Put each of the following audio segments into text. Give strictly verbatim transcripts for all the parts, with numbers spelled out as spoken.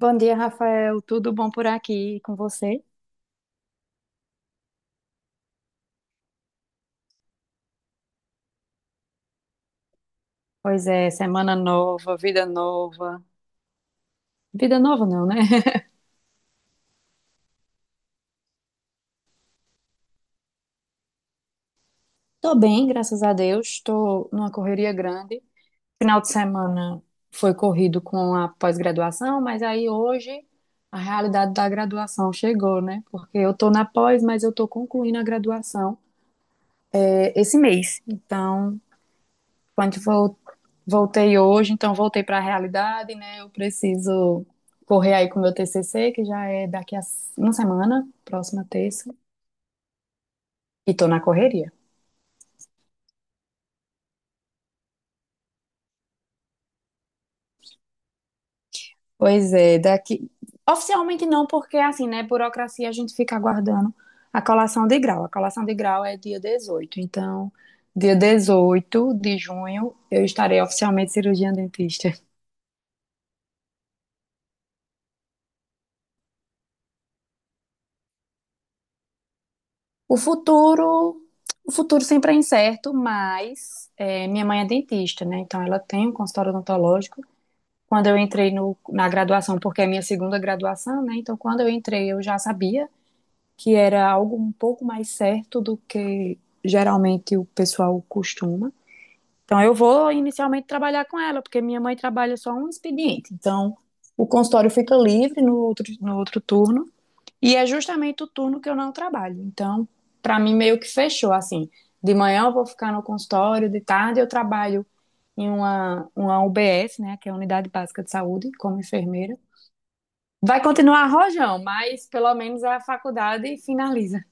Bom dia, Rafael. Tudo bom por aqui e com você? Pois é, semana nova, vida nova. Vida nova não, né? Tô bem, graças a Deus. Tô numa correria grande. Final de semana foi corrido com a pós-graduação, mas aí hoje a realidade da graduação chegou, né? Porque eu tô na pós, mas eu tô concluindo a graduação é, esse mês. Então, quando for voltei hoje, então voltei para a realidade, né? Eu preciso correr aí com o meu T C C, que já é daqui a uma semana, próxima terça, e tô na correria. Pois é, daqui. Oficialmente não, porque assim, né? Burocracia a gente fica aguardando a colação de grau. A colação de grau é dia dezoito então. Dia dezoito de junho, eu estarei oficialmente cirurgiã dentista. O futuro, o futuro sempre é incerto, mas é, minha mãe é dentista, né? Então ela tem um consultório odontológico quando eu entrei no, na graduação, porque é minha segunda graduação, né? Então, quando eu entrei, eu já sabia que era algo um pouco mais certo do que geralmente o pessoal costuma. Então, eu vou inicialmente trabalhar com ela, porque minha mãe trabalha só um expediente. Então, o consultório fica livre no outro, no outro turno, e é justamente o turno que eu não trabalho. Então, para mim, meio que fechou assim. De manhã eu vou ficar no consultório, de tarde eu trabalho em uma, uma U B S, né, que é a Unidade Básica de Saúde, como enfermeira. Vai continuar rojão, mas pelo menos a faculdade finaliza.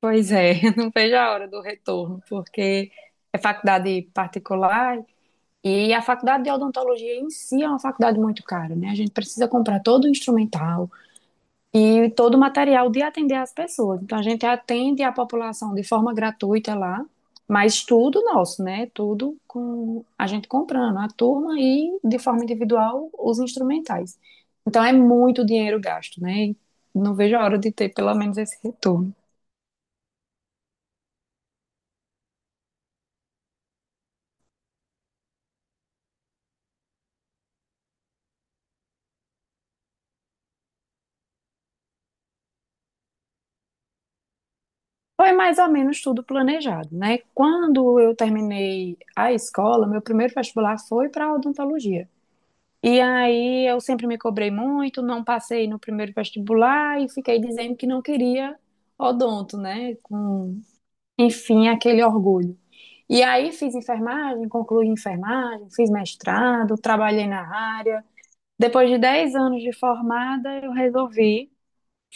Pois é, não vejo a hora do retorno, porque é faculdade particular e a faculdade de odontologia em si é uma faculdade muito cara, né? A gente precisa comprar todo o instrumental, e todo o material de atender as pessoas. Então, a gente atende a população de forma gratuita lá, mas tudo nosso, né? Tudo com a gente comprando, a turma e, de forma individual, os instrumentais. Então, é muito dinheiro gasto, né? E não vejo a hora de ter pelo menos esse retorno. Foi mais ou menos tudo planejado, né? Quando eu terminei a escola, meu primeiro vestibular foi para odontologia. E aí eu sempre me cobrei muito, não passei no primeiro vestibular e fiquei dizendo que não queria odonto, né? Com, enfim, aquele orgulho. E aí fiz enfermagem, concluí enfermagem, fiz mestrado, trabalhei na área. Depois de dez anos de formada, eu resolvi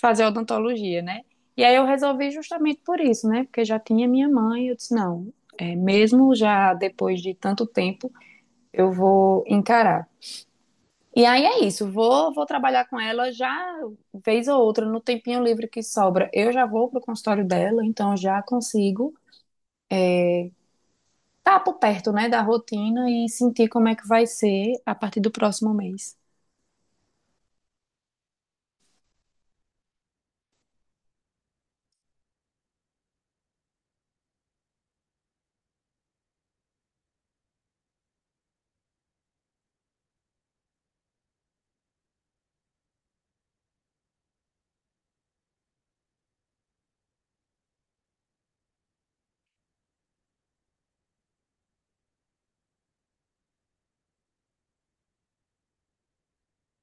fazer odontologia, né? E aí eu resolvi justamente por isso, né? Porque já tinha minha mãe, eu disse, não, é, mesmo já depois de tanto tempo, eu vou encarar. E aí é isso, vou, vou trabalhar com ela já vez ou outra, no tempinho livre que sobra. Eu já vou pro consultório dela, então já consigo estar por perto, né, da rotina e sentir como é que vai ser a partir do próximo mês.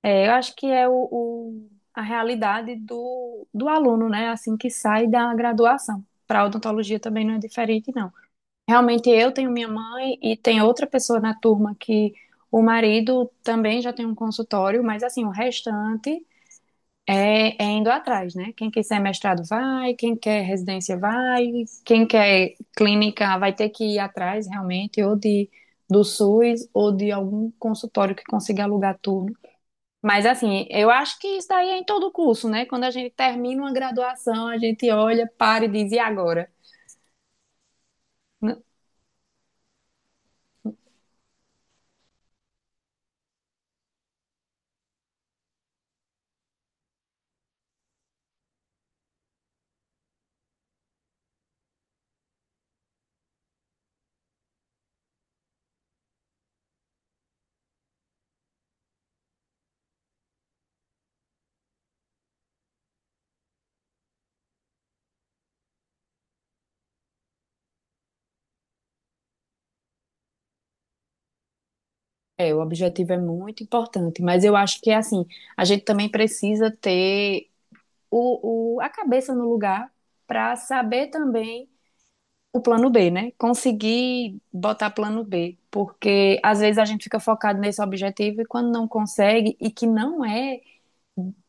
É, eu acho que é o, o- a realidade do, do aluno, né, assim que sai da graduação. Para odontologia também não é diferente, não. Realmente eu tenho minha mãe e tem outra pessoa na turma que o marido também já tem um consultório, mas assim, o restante é, é indo atrás, né? Quem quiser mestrado vai, quem quer residência vai, quem quer clínica vai ter que ir atrás realmente, ou de, do SUS, ou de algum consultório que consiga alugar turno. Mas assim, eu acho que isso daí é em todo o curso, né? Quando a gente termina uma graduação, a gente olha, para e diz, e agora? É, o objetivo é muito importante, mas eu acho que assim, a gente também precisa ter o, o, a cabeça no lugar para saber também o plano bê, né? Conseguir botar plano bê, porque às vezes a gente fica focado nesse objetivo e quando não consegue, e que não é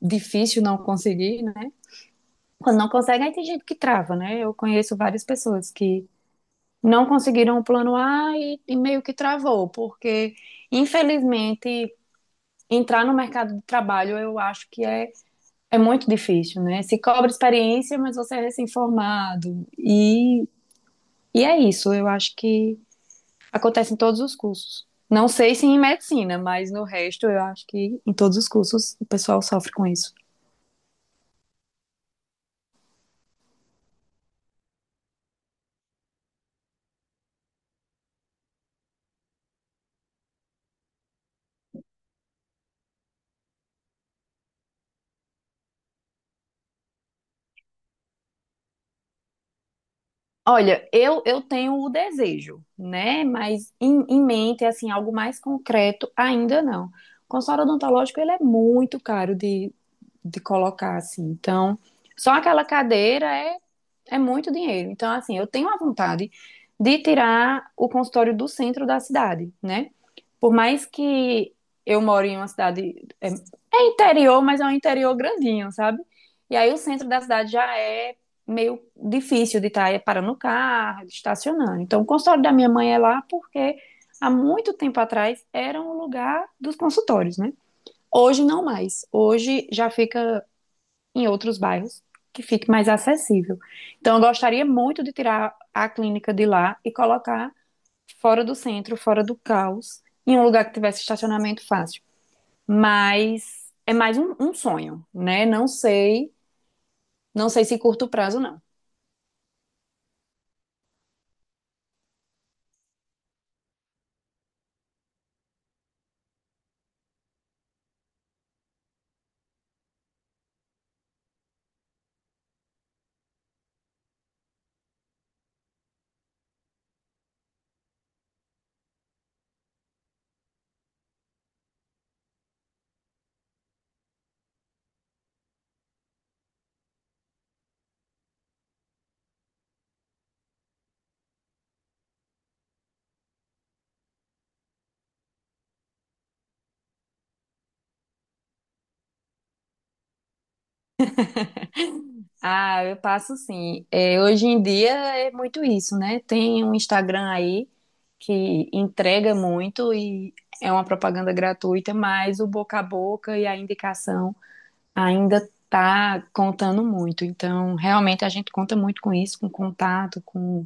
difícil não conseguir, né? Quando não consegue, aí tem gente que trava, né? Eu conheço várias pessoas que não conseguiram o plano á e, e meio que travou, porque infelizmente entrar no mercado de trabalho eu acho que é, é, muito difícil, né? Se cobra experiência, mas você é recém-formado. E, e é isso, eu acho que acontece em todos os cursos. Não sei se em medicina, mas no resto eu acho que em todos os cursos o pessoal sofre com isso. Olha, eu, eu tenho o desejo, né? Mas em, em mente, assim, algo mais concreto ainda não. O consultório odontológico, ele é muito caro de, de colocar, assim. Então, só aquela cadeira é é muito dinheiro. Então, assim, eu tenho a vontade de tirar o consultório do centro da cidade, né? Por mais que eu moro em uma cidade. É, é interior, mas é um interior grandinho, sabe? E aí o centro da cidade já é meio difícil de estar parando o carro, de estacionando. Então, o consultório da minha mãe é lá porque há muito tempo atrás era um lugar dos consultórios, né? Hoje não mais. Hoje já fica em outros bairros que fique mais acessível. Então, eu gostaria muito de tirar a clínica de lá e colocar fora do centro, fora do caos, em um lugar que tivesse estacionamento fácil. Mas é mais um, um sonho, né? Não sei, não sei se curto prazo não. Ah, eu passo sim. É, hoje em dia é muito isso, né? Tem um Instagram aí que entrega muito e é uma propaganda gratuita, mas o boca a boca e a indicação ainda está contando muito. Então, realmente a gente conta muito com isso, com contato, com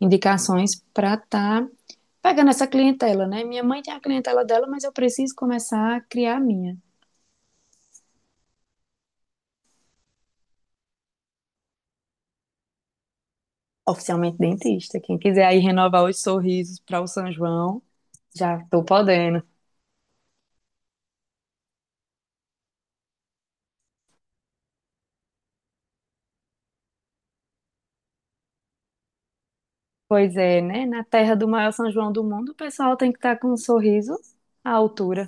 indicações para estar pegando essa clientela, né? Minha mãe tem a clientela dela, mas eu preciso começar a criar a minha. Oficialmente dentista. Quem quiser aí renovar os sorrisos para o São João, já estou podendo. Pois é, né? Na terra do maior São João do mundo, o pessoal tem que estar com um sorriso à altura.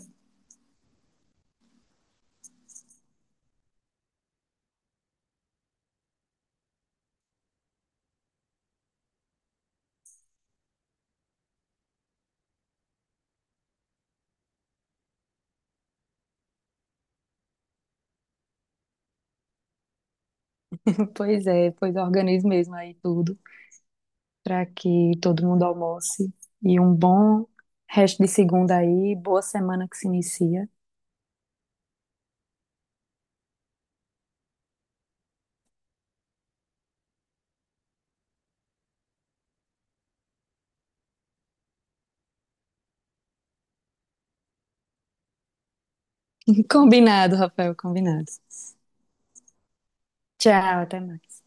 Pois é, pois organize mesmo aí tudo, para que todo mundo almoce e um bom resto de segunda aí, boa semana que se inicia. Combinado, Rafael, combinado. Tchau, até mais.